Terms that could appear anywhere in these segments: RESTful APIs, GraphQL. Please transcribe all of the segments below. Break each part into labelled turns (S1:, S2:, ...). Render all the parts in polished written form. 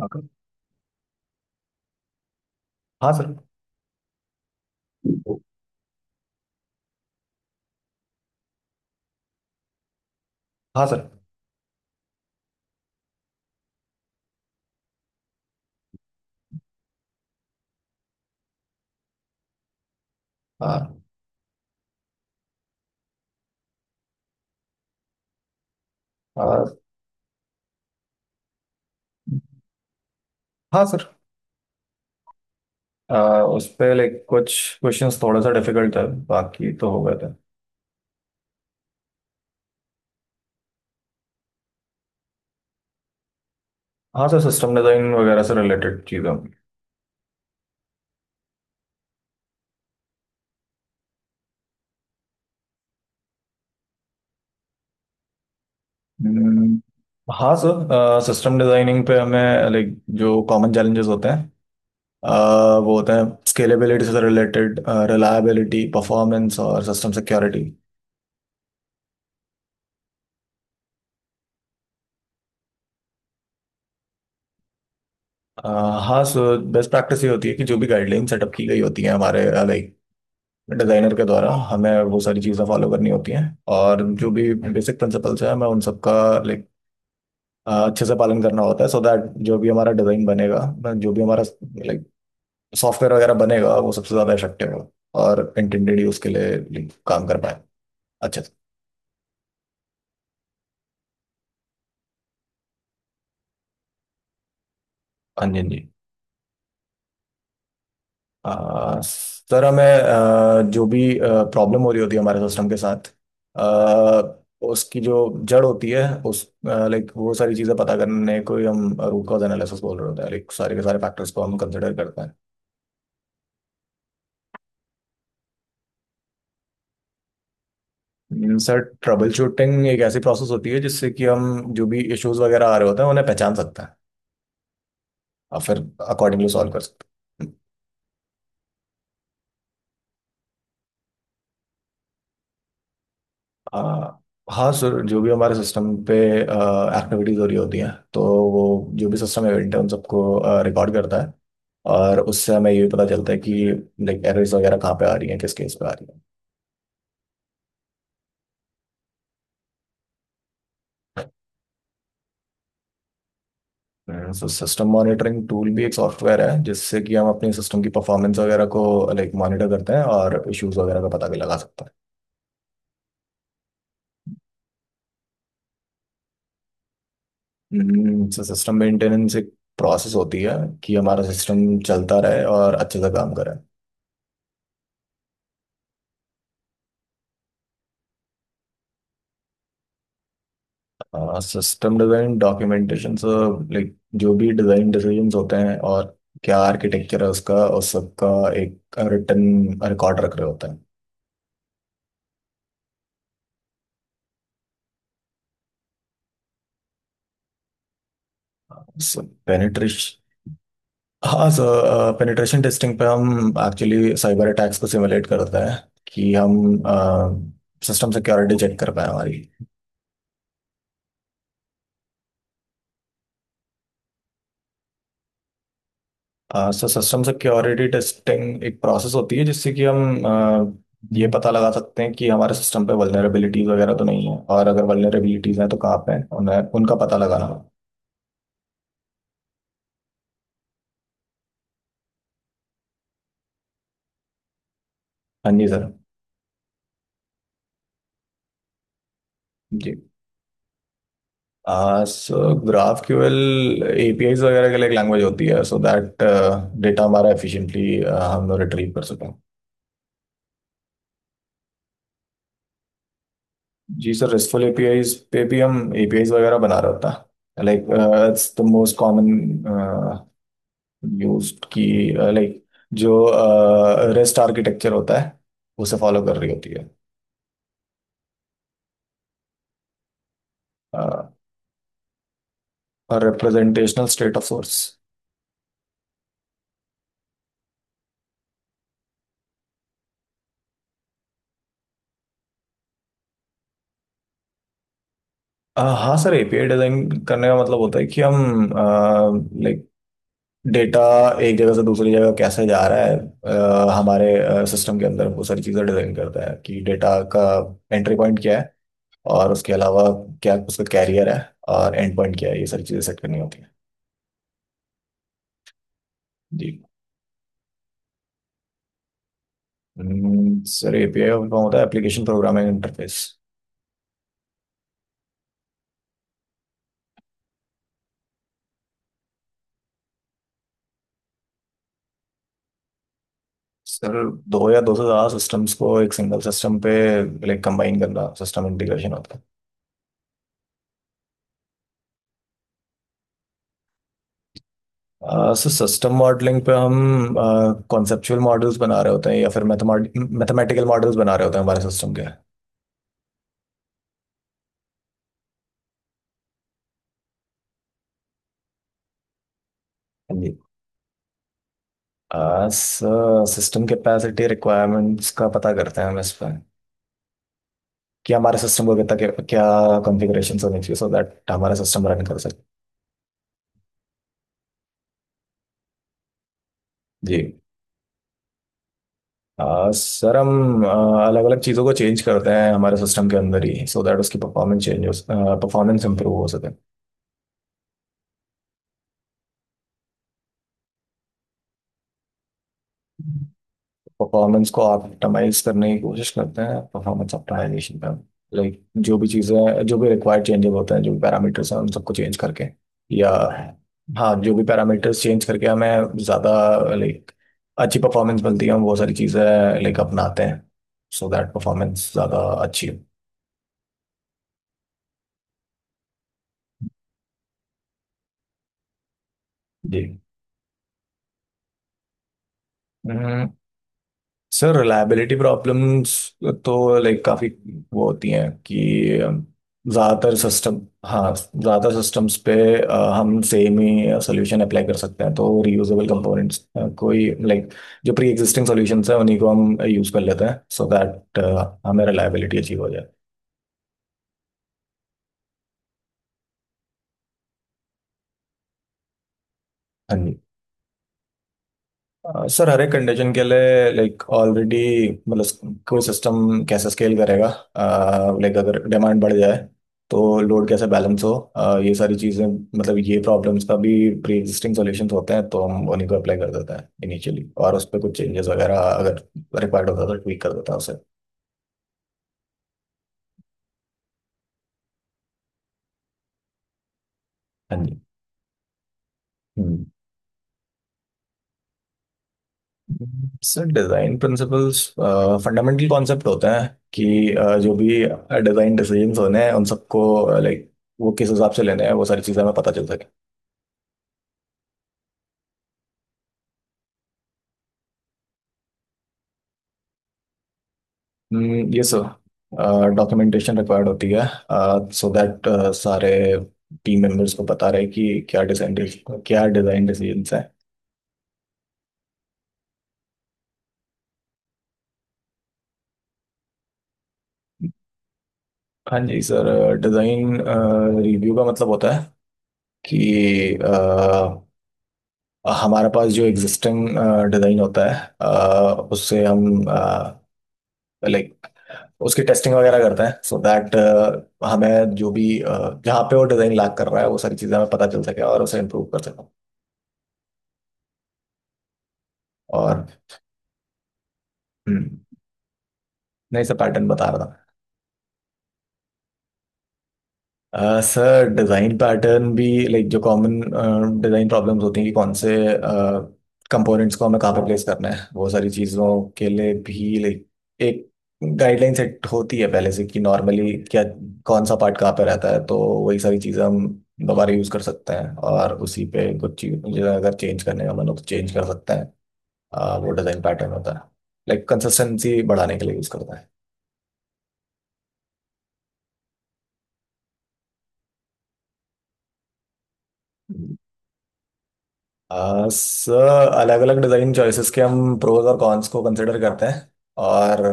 S1: हाँ। हाँ सर। हाँ सर। हाँ। आ, हाँ सर। उस पे कुछ क्वेश्चंस थोड़ा सा डिफिकल्ट है, बाकी तो हो गए थे। हाँ सर, सिस्टम डिजाइन वगैरह से रिलेटेड चीज़ें होंगी। हम्म, हाँ सर, सिस्टम डिजाइनिंग पे हमें जो कॉमन चैलेंजेस होते हैं, वो होते हैं स्केलेबिलिटी से रिलेटेड, रिलायबिलिटी, परफॉर्मेंस और सिस्टम सिक्योरिटी। हाँ सर, बेस्ट प्रैक्टिस ये होती है कि जो भी गाइडलाइन सेटअप की गई होती है हमारे डिजाइनर के द्वारा, हमें वो सारी चीज़ें फॉलो करनी होती हैं। और जो भी बेसिक प्रिंसिपल्स हैं, हमें उन सबका लाइक अच्छे से पालन करना होता है, सो दैट जो भी हमारा डिजाइन बनेगा, जो भी हमारा लाइक सॉफ्टवेयर वगैरह बनेगा, वो सबसे ज्यादा इफेक्टिव हो और इंटेंडेड यूज के लिए काम कर पाए अच्छे से। हाँ जी, हाँ जी। सर, हमें जो भी प्रॉब्लम हो रही होती है हमारे सिस्टम के साथ, आ, उसकी जो जड़ होती है उस वो सारी चीज़ें पता करने को ही हम रूट कॉज एनालिसिस बोल रहे होते हैं। सारे के सारे फैक्टर्स को हम कंसिडर करते हैं। सर, ट्रबल शूटिंग एक ऐसी प्रोसेस होती है जिससे कि हम जो भी इश्यूज वगैरह आ रहे होते हैं उन्हें पहचान सकते हैं, और फिर अकॉर्डिंगली सॉल्व कर सकते हैं। आ, हाँ सर, जो भी हमारे सिस्टम पे एक्टिविटीज हो रही होती हैं तो वो जो भी सिस्टम इवेंट है उन सबको रिकॉर्ड करता है। और उससे हमें ये भी पता चलता है कि एरर्स वगैरह कहाँ पे आ रही हैं, किस केस पे आ रही हैं। सो सिस्टम मॉनिटरिंग टूल भी एक सॉफ्टवेयर है जिससे कि हम अपने सिस्टम की परफॉर्मेंस वगैरह को मॉनिटर करते हैं और इश्यूज वगैरह का पता भी लगा सकते हैं। सो सिस्टम मेंटेनेंस एक प्रोसेस होती है कि हमारा सिस्टम चलता रहे और अच्छे से काम करे। हाँ, सिस्टम डिजाइन डॉक्यूमेंटेशन सब जो भी डिजाइन डिसीजंस होते हैं और क्या आर्किटेक्चर है उसका, उस सब का एक रिटर्न रिकॉर्ड रख रहे होते हैं। सो पेनिट्रेश हाँ सर, पेनिट्रेशन टेस्टिंग पे हम एक्चुअली साइबर अटैक्स को सिमुलेट करते हैं कि हम सिस्टम सिक्योरिटी चेक कर पाए हमारी। सर, सिस्टम सिक्योरिटी टेस्टिंग एक प्रोसेस होती है जिससे कि हम ये पता लगा सकते हैं कि हमारे सिस्टम पे वल्नरेबिलिटीज वगैरह तो नहीं है, और अगर वल्नरेबिलिटीज हैं तो कहाँ पे हैं, उन्हें उनका पता लगाना। हाँ जी सर। जी। सो ग्राफ क्यूएल एपीआईज वगैरह के लिए एक लैंग्वेज होती है, सो दैट डेटा हमारा एफिशिएंटली हम रिट्रीव कर सकें। जी सर, RESTful APIs पे भी हम APIs वगैरह बना रहे होता है। It's the most common use की, लाइक जो रेस्ट आर्किटेक्चर होता है उसे फॉलो कर रही होती है। और रिप्रेजेंटेशनल स्टेट ऑफ सोर्स। हाँ सर, एपीआई डिजाइन करने का मतलब होता है कि हम लाइक डेटा एक जगह से दूसरी जगह कैसे जा रहा है, हमारे सिस्टम के अंदर वो सारी चीज़ें डिजाइन करता है कि डेटा का एंट्री पॉइंट क्या है, और उसके अलावा क्या उसका कैरियर है, और एंड पॉइंट क्या है, ये सारी चीज़ें सेट करनी होती है। जी। सर, एपीआई का होता है एप्लीकेशन प्रोग्रामिंग इंटरफेस। सर, दो या दो से ज़्यादा सिस्टम्स को एक सिंगल सिस्टम पे कंबाइन करना सिस्टम इंटीग्रेशन होता है। सर, सिस्टम मॉडलिंग पे हम कॉन्सेप्चुअल मॉडल्स बना रहे होते हैं, या फिर मैथमेटिकल मॉडल्स बना रहे होते हैं हमारे सिस्टम के। हाँ। जी। सर, सिस्टम कैपेसिटी रिक्वायरमेंट्स का पता करते हैं हम इस पर कि हमारे सिस्टम को कितना, क्या कॉन्फ़िगरेशन होनी चाहिए सो दैट हमारा सिस्टम रन कर सके। जी। सर, हम अलग अलग चीज़ों को चेंज करते हैं हमारे सिस्टम के अंदर ही, सो दैट उसकी परफॉर्मेंस चेंज हो, परफॉर्मेंस इंप्रूव हो सके। परफॉर्मेंस को ऑप्टिमाइज करने की कोशिश करते हैं परफॉर्मेंस ऑप्टिमाइजेशन पे। जो भी चीज़ें, जो भी रिक्वायर्ड चेंजेस होते हैं, जो भी पैरामीटर्स हैं, उन सबको चेंज करके, या हाँ जो भी पैरामीटर्स चेंज करके हमें ज़्यादा लाइक अच्छी परफॉर्मेंस मिलती है, हम वो सारी चीज़ें अपनाते हैं, सो दैट परफॉर्मेंस ज़्यादा अच्छी हो। जी सर, रिलायबिलिटी प्रॉब्लम्स तो काफ़ी वो होती हैं कि ज़्यादातर सिस्टम, हाँ, ज़्यादातर सिस्टम्स पे हम सेम ही सोल्यूशन अप्लाई कर सकते हैं, तो रीयूजेबल कंपोनेंट्स, कोई जो प्री एग्जिस्टिंग सोल्यूशंस हैं उन्हीं को हम यूज़ कर लेते हैं, सो दैट हमें रिलायबिलिटी अचीव हो जाए। हाँ जी। सर, हर एक कंडीशन के लिए ऑलरेडी, मतलब कोई सिस्टम कैसे स्केल करेगा, अगर डिमांड बढ़ जाए तो लोड कैसे बैलेंस हो, ये सारी चीज़ें, मतलब ये प्रॉब्लम्स का भी प्री एग्जिस्टिंग सॉल्यूशंस होते हैं, तो हम उन्हीं को अप्लाई कर देते हैं इनिशियली, और उस पर कुछ चेंजेस वगैरह अगर रिक्वायर्ड होता है तो ट्वीक कर देता है उसे। हाँ जी। हम्म। Sir, design principles fundamental concept होते हैं कि जो भी डिज़ाइन डिसीजंस होने हैं, उन सबको लाइक वो किस हिसाब से लेने हैं, वो सारी चीज़ें हमें पता चल सके। ये सर, डॉक्यूमेंटेशन रिक्वायर्ड होती है सो दैट सारे टीम मेंबर्स को पता रहे कि क्या डिज़ाइन डिसीजंस हैं। हाँ जी सर, डिज़ाइन रिव्यू का मतलब होता है कि अ, हमारे पास जो एग्जिस्टिंग डिज़ाइन होता है, उससे हम लाइक उसकी टेस्टिंग वगैरह करते हैं, सो दैट हमें जो भी जहाँ पे वो डिजाइन लाग कर रहा है वो सारी चीजें हमें पता चल सके और उसे इम्प्रूव कर सके। और। हम्म, नहीं सर, पैटर्न बता रहा था। सर, डिज़ाइन पैटर्न भी जो कॉमन डिज़ाइन प्रॉब्लम्स होती हैं कि कौन से कंपोनेंट्स को हमें कहाँ पर प्लेस करना है, वो सारी चीज़ों के लिए भी एक गाइडलाइन सेट होती है पहले से कि नॉर्मली क्या, कौन सा पार्ट कहाँ पर रहता है। तो वही सारी चीज़ें हम दोबारा यूज़ कर सकते हैं, और उसी पे कुछ चीज़ें अगर चेंज करने का मन हो तो चेंज कर सकते हैं। वो डिज़ाइन पैटर्न होता है, कंसिस्टेंसी बढ़ाने के लिए यूज़ करता है। सर, अलग अलग डिज़ाइन चॉइसेस के हम प्रोज और कॉन्स को कंसिडर करते हैं, और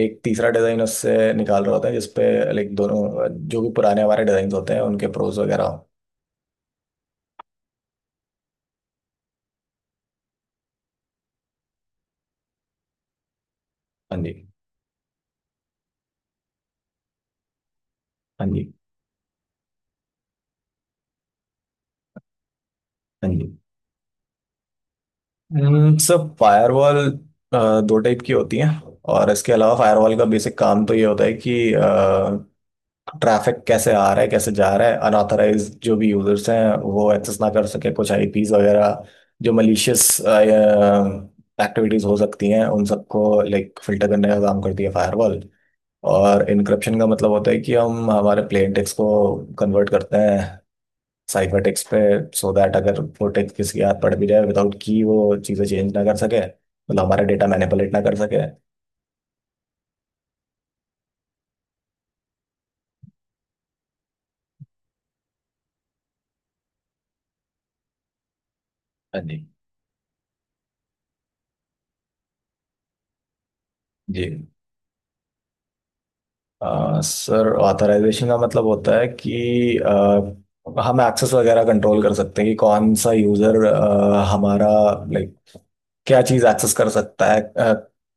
S1: एक तीसरा डिज़ाइन उससे निकाल रहा होता है जिसपे दोनों जो भी पुराने हमारे डिज़ाइन होते हैं, उनके प्रोज वगैरह हो। हाँ जी, हाँ जी, हाँ जी। सर, फायरवॉल दो टाइप की होती है, और इसके अलावा फायरवॉल का बेसिक काम तो ये होता है कि ट्रैफिक कैसे आ रहा है, कैसे जा रहा है, अनऑथराइज जो भी यूजर्स हैं वो एक्सेस ना कर सके, कुछ आईपीज वगैरह, जो मलिशियस एक्टिविटीज हो सकती हैं, उन सबको फिल्टर करने का काम करती है फायरवॉल। और इनक्रप्शन का मतलब होता है कि हम हमारे प्लेन टेक्स्ट को कन्वर्ट करते हैं साइफर टेक्स्ट पे, सो दैट अगर वो टेक्स्ट किसी के हाथ पड़ भी जाए, विदाउट की वो चीज़ें चेंज ना कर सके, मतलब हमारा डेटा मैनिपुलेट ना कर सके। हाँ जी। जी। सर, ऑथराइजेशन का मतलब होता है कि हम एक्सेस वगैरह कंट्रोल कर सकते हैं कि कौन सा यूजर हमारा लाइक क्या चीज एक्सेस कर सकता है,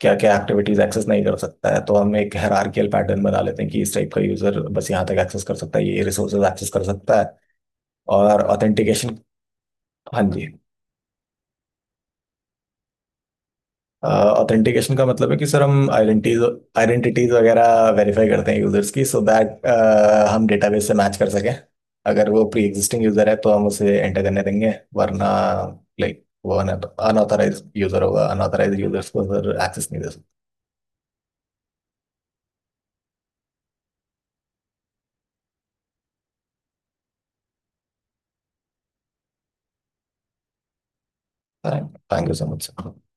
S1: क्या क्या एक्टिविटीज एक्सेस नहीं कर सकता है। तो हम एक हायरार्कियल पैटर्न बना लेते हैं कि इस टाइप का यूजर बस यहाँ तक एक्सेस कर सकता है, ये रिसोर्सेज एक्सेस कर सकता है। और ऑथेंटिकेशन। हाँ जी। ऑथेंटिकेशन का मतलब है कि सर हम आइडेंटिटीज आइडेंटिटीज वगैरह वेरीफाई करते हैं यूजर्स की, सो दैट हम डेटाबेस से मैच कर सकें। अगर वो प्री एग्जिस्टिंग यूजर है तो हम उसे एंटर करने देंगे, वरना वो अनऑथराइज यूजर होगा। अनऑथराइज यूजर्स को सर एक्सेस नहीं दे सकते। Thank you so much sir.